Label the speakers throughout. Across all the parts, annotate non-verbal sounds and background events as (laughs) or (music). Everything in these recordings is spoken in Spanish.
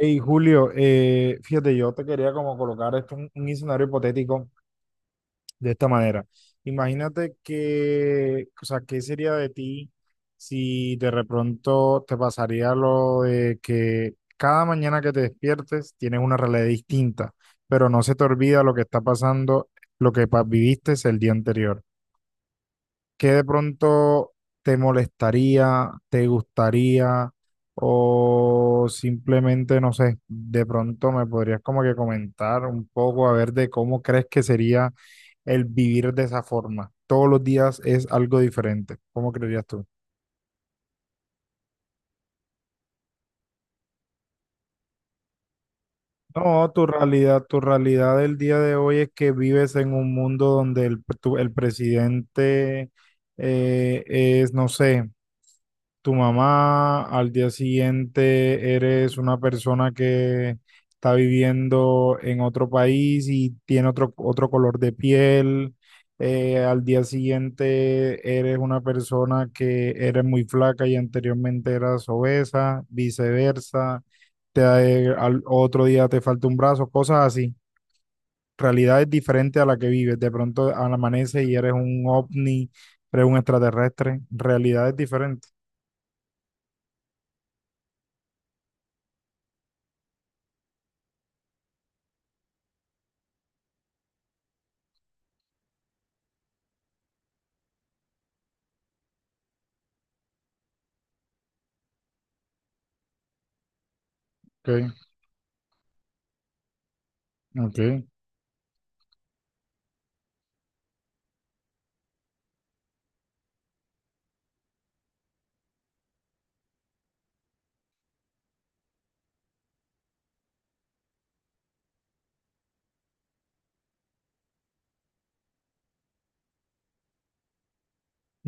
Speaker 1: Hey, Julio, fíjate, yo te quería como colocar esto, un escenario hipotético de esta manera. Imagínate que, o sea, ¿qué sería de ti si de pronto te pasaría lo de que cada mañana que te despiertes tienes una realidad distinta, pero no se te olvida lo que está pasando, lo que viviste el día anterior? ¿Qué de pronto te molestaría, te gustaría o simplemente, no sé, de pronto me podrías como que comentar un poco a ver de cómo crees que sería el vivir de esa forma? Todos los días es algo diferente. ¿Cómo creerías tú? No, tu realidad del día de hoy es que vives en un mundo donde el presidente es, no sé. Tu mamá, al día siguiente eres una persona que está viviendo en otro país y tiene otro color de piel, al día siguiente eres una persona que eres muy flaca y anteriormente eras obesa, viceversa, te, al otro día te falta un brazo, cosas así. Realidades diferentes a la que vives. De pronto al amanecer y eres un ovni, eres un extraterrestre. Realidades diferentes. ¿Ok? Ok,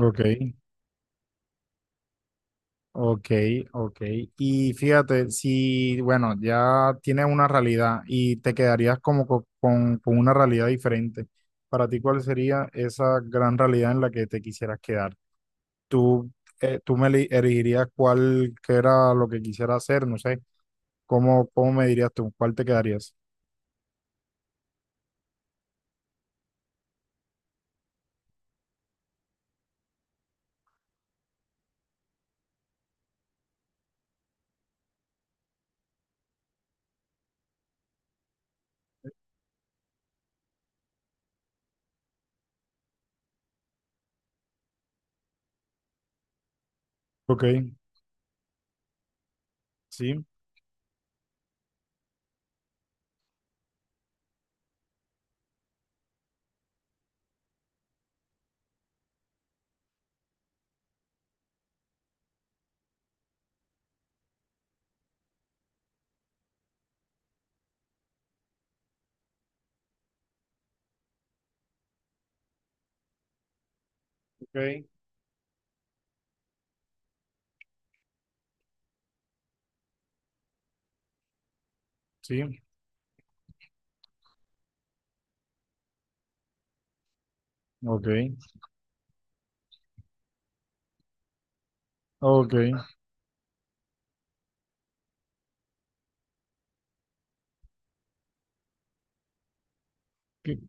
Speaker 1: ok, ok, ok. Y fíjate, si, bueno, ya tienes una realidad y te quedarías como con una realidad diferente, para ti, ¿cuál sería esa gran realidad en la que te quisieras quedar? ¿Tú, elegirías cuál que era lo que quisiera hacer? No sé, ¿cómo, cómo me dirías tú? ¿Cuál te quedarías? Ok, sí, ok, sí, ok, ok.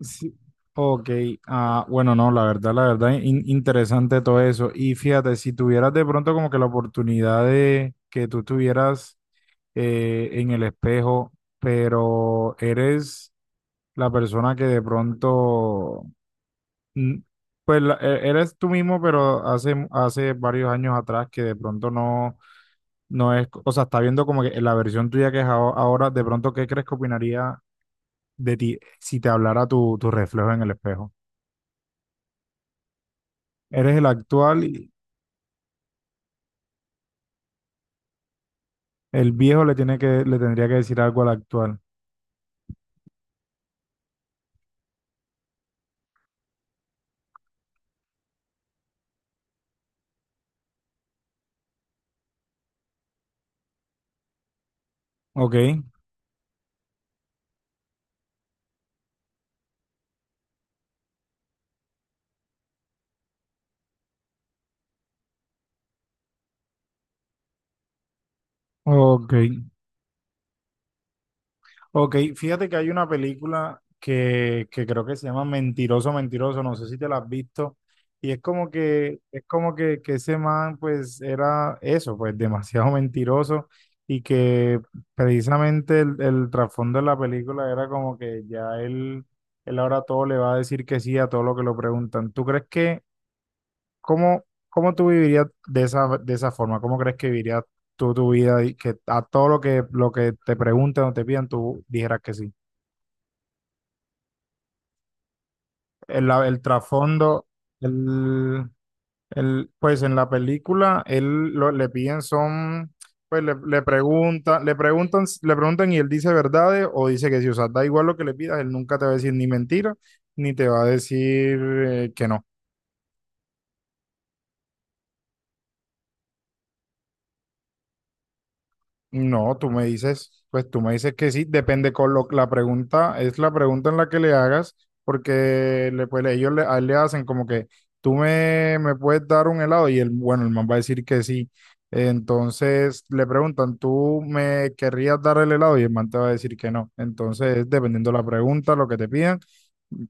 Speaker 1: Sí. Ok, ah, bueno, no, la verdad, interesante todo eso. Y fíjate, si tuvieras de pronto como que la oportunidad de que tú estuvieras en el espejo, pero eres la persona que de pronto, mm, pues eres tú mismo, pero hace varios años atrás que de pronto no es, o sea, está viendo como que la versión tuya que es ahora, de pronto, ¿qué crees que opinaría de ti si te hablara tu reflejo en el espejo? Eres el actual y el viejo le tiene que, le tendría que decir algo al actual. Ok, ok, ok. Fíjate que hay una película que creo que se llama Mentiroso, Mentiroso, no sé si te la has visto. Y es como que ese man, pues, era eso, pues, demasiado (laughs) mentiroso. Y que precisamente el trasfondo de la película era como que ya él ahora todo le va a decir que sí a todo lo que lo preguntan. ¿Tú crees que ¿cómo, cómo tú vivirías de esa forma? ¿Cómo crees que vivirías tú tu vida y que a todo lo lo que te pregunten o te pidan, tú dijeras que sí? El trasfondo, el, pues en la película, le piden son, pues le preguntan, le preguntan, le preguntan y él dice verdades o dice que sí. O sea, da igual lo que le pidas, él nunca te va a decir ni mentira, ni te va a decir que no. No, tú me dices, pues tú me dices que sí, depende con lo, la pregunta, es la pregunta en la que le hagas, porque le, pues, ellos le, a él le hacen como que me puedes dar un helado y el, bueno, el man va a decir que sí. Entonces le preguntan, ¿tú me querrías dar el helado? Y el man te va a decir que no. Entonces, dependiendo la pregunta, lo que te pidan,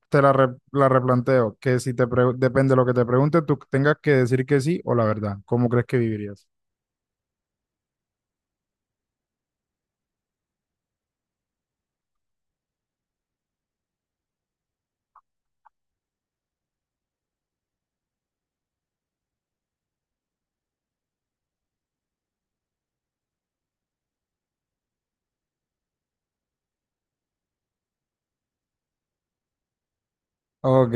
Speaker 1: la replanteo, que si depende de lo que te pregunte, tú tengas que decir que sí o la verdad, ¿cómo crees que vivirías? Ok,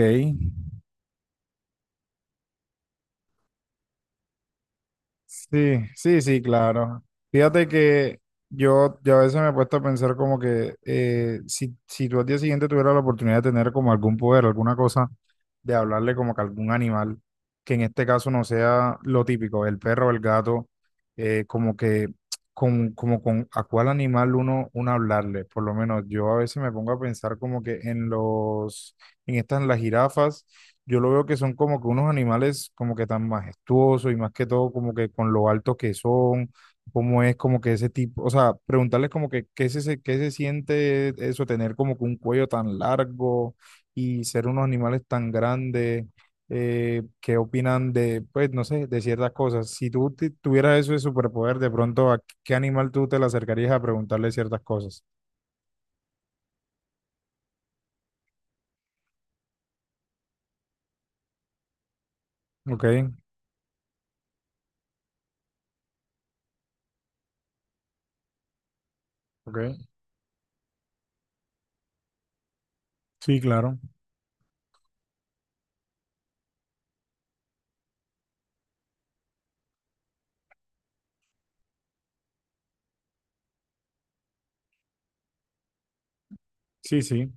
Speaker 1: sí, sí, sí, claro. Fíjate que yo a veces me he puesto a pensar como que si tú al día siguiente tuvieras la oportunidad de tener como algún poder, alguna cosa de hablarle como que algún animal, que en este caso no sea lo típico, el perro o el gato, como que como con a cuál animal uno hablarle. Por lo menos yo a veces me pongo a pensar como que en los, en estas, en las jirafas, yo lo veo que son como que unos animales como que tan majestuosos y más que todo como que con lo altos que son. Cómo es como que ese tipo, o sea, preguntarles como que qué se siente eso, tener como que un cuello tan largo, y ser unos animales tan grandes, qué opinan de, pues, no sé, de ciertas cosas. Si tuvieras eso de superpoder, de pronto, ¿a qué animal tú te le acercarías a preguntarle ciertas cosas? Ok, ok. Sí, claro. Sí, sí.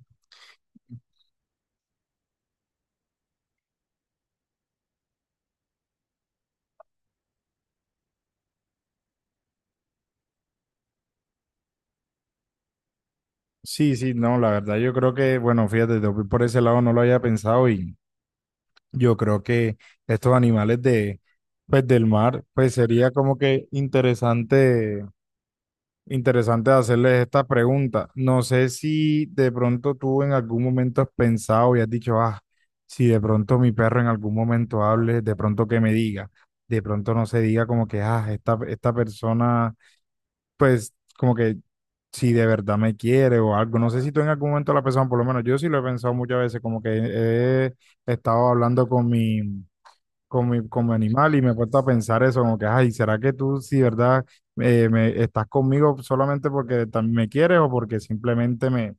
Speaker 1: Sí, sí, no, la verdad, yo creo que, bueno, fíjate, yo por ese lado no lo había pensado y yo creo que estos animales de, pues, del mar, pues sería como que interesante. Interesante hacerles esta pregunta. No sé si de pronto tú en algún momento has pensado y has dicho, ah, si de pronto mi perro en algún momento hable, de pronto que me diga, de pronto no se diga como que, ah, esta persona, pues como que si de verdad me quiere o algo. No sé si tú en algún momento lo has pensado, por lo menos yo sí lo he pensado muchas veces, como que he estado hablando con como animal y me he puesto a pensar eso, como que, ay, ¿será que tú, si verdad, estás conmigo solamente porque también me quieres o porque simplemente me,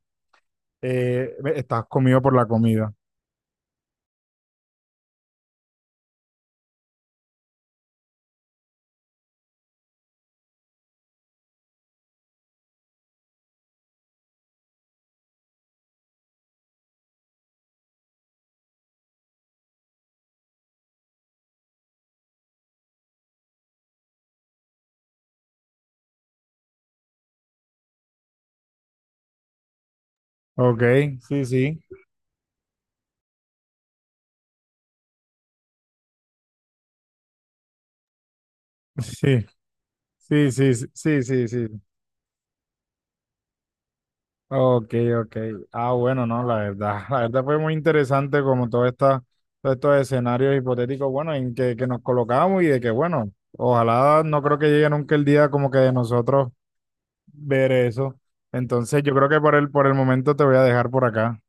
Speaker 1: eh, me- estás conmigo por la comida? Ok, sí, sí, sí, sí, sí, sí, sí, sí, sí. Ok, ok. Ah, bueno, no, la verdad, (laughs) la verdad fue muy interesante como todo todos estos escenarios hipotéticos, bueno, en que nos colocamos y de que, bueno, ojalá no creo que llegue nunca el día como que de nosotros ver eso. Entonces, yo creo que por por el momento te voy a dejar por acá.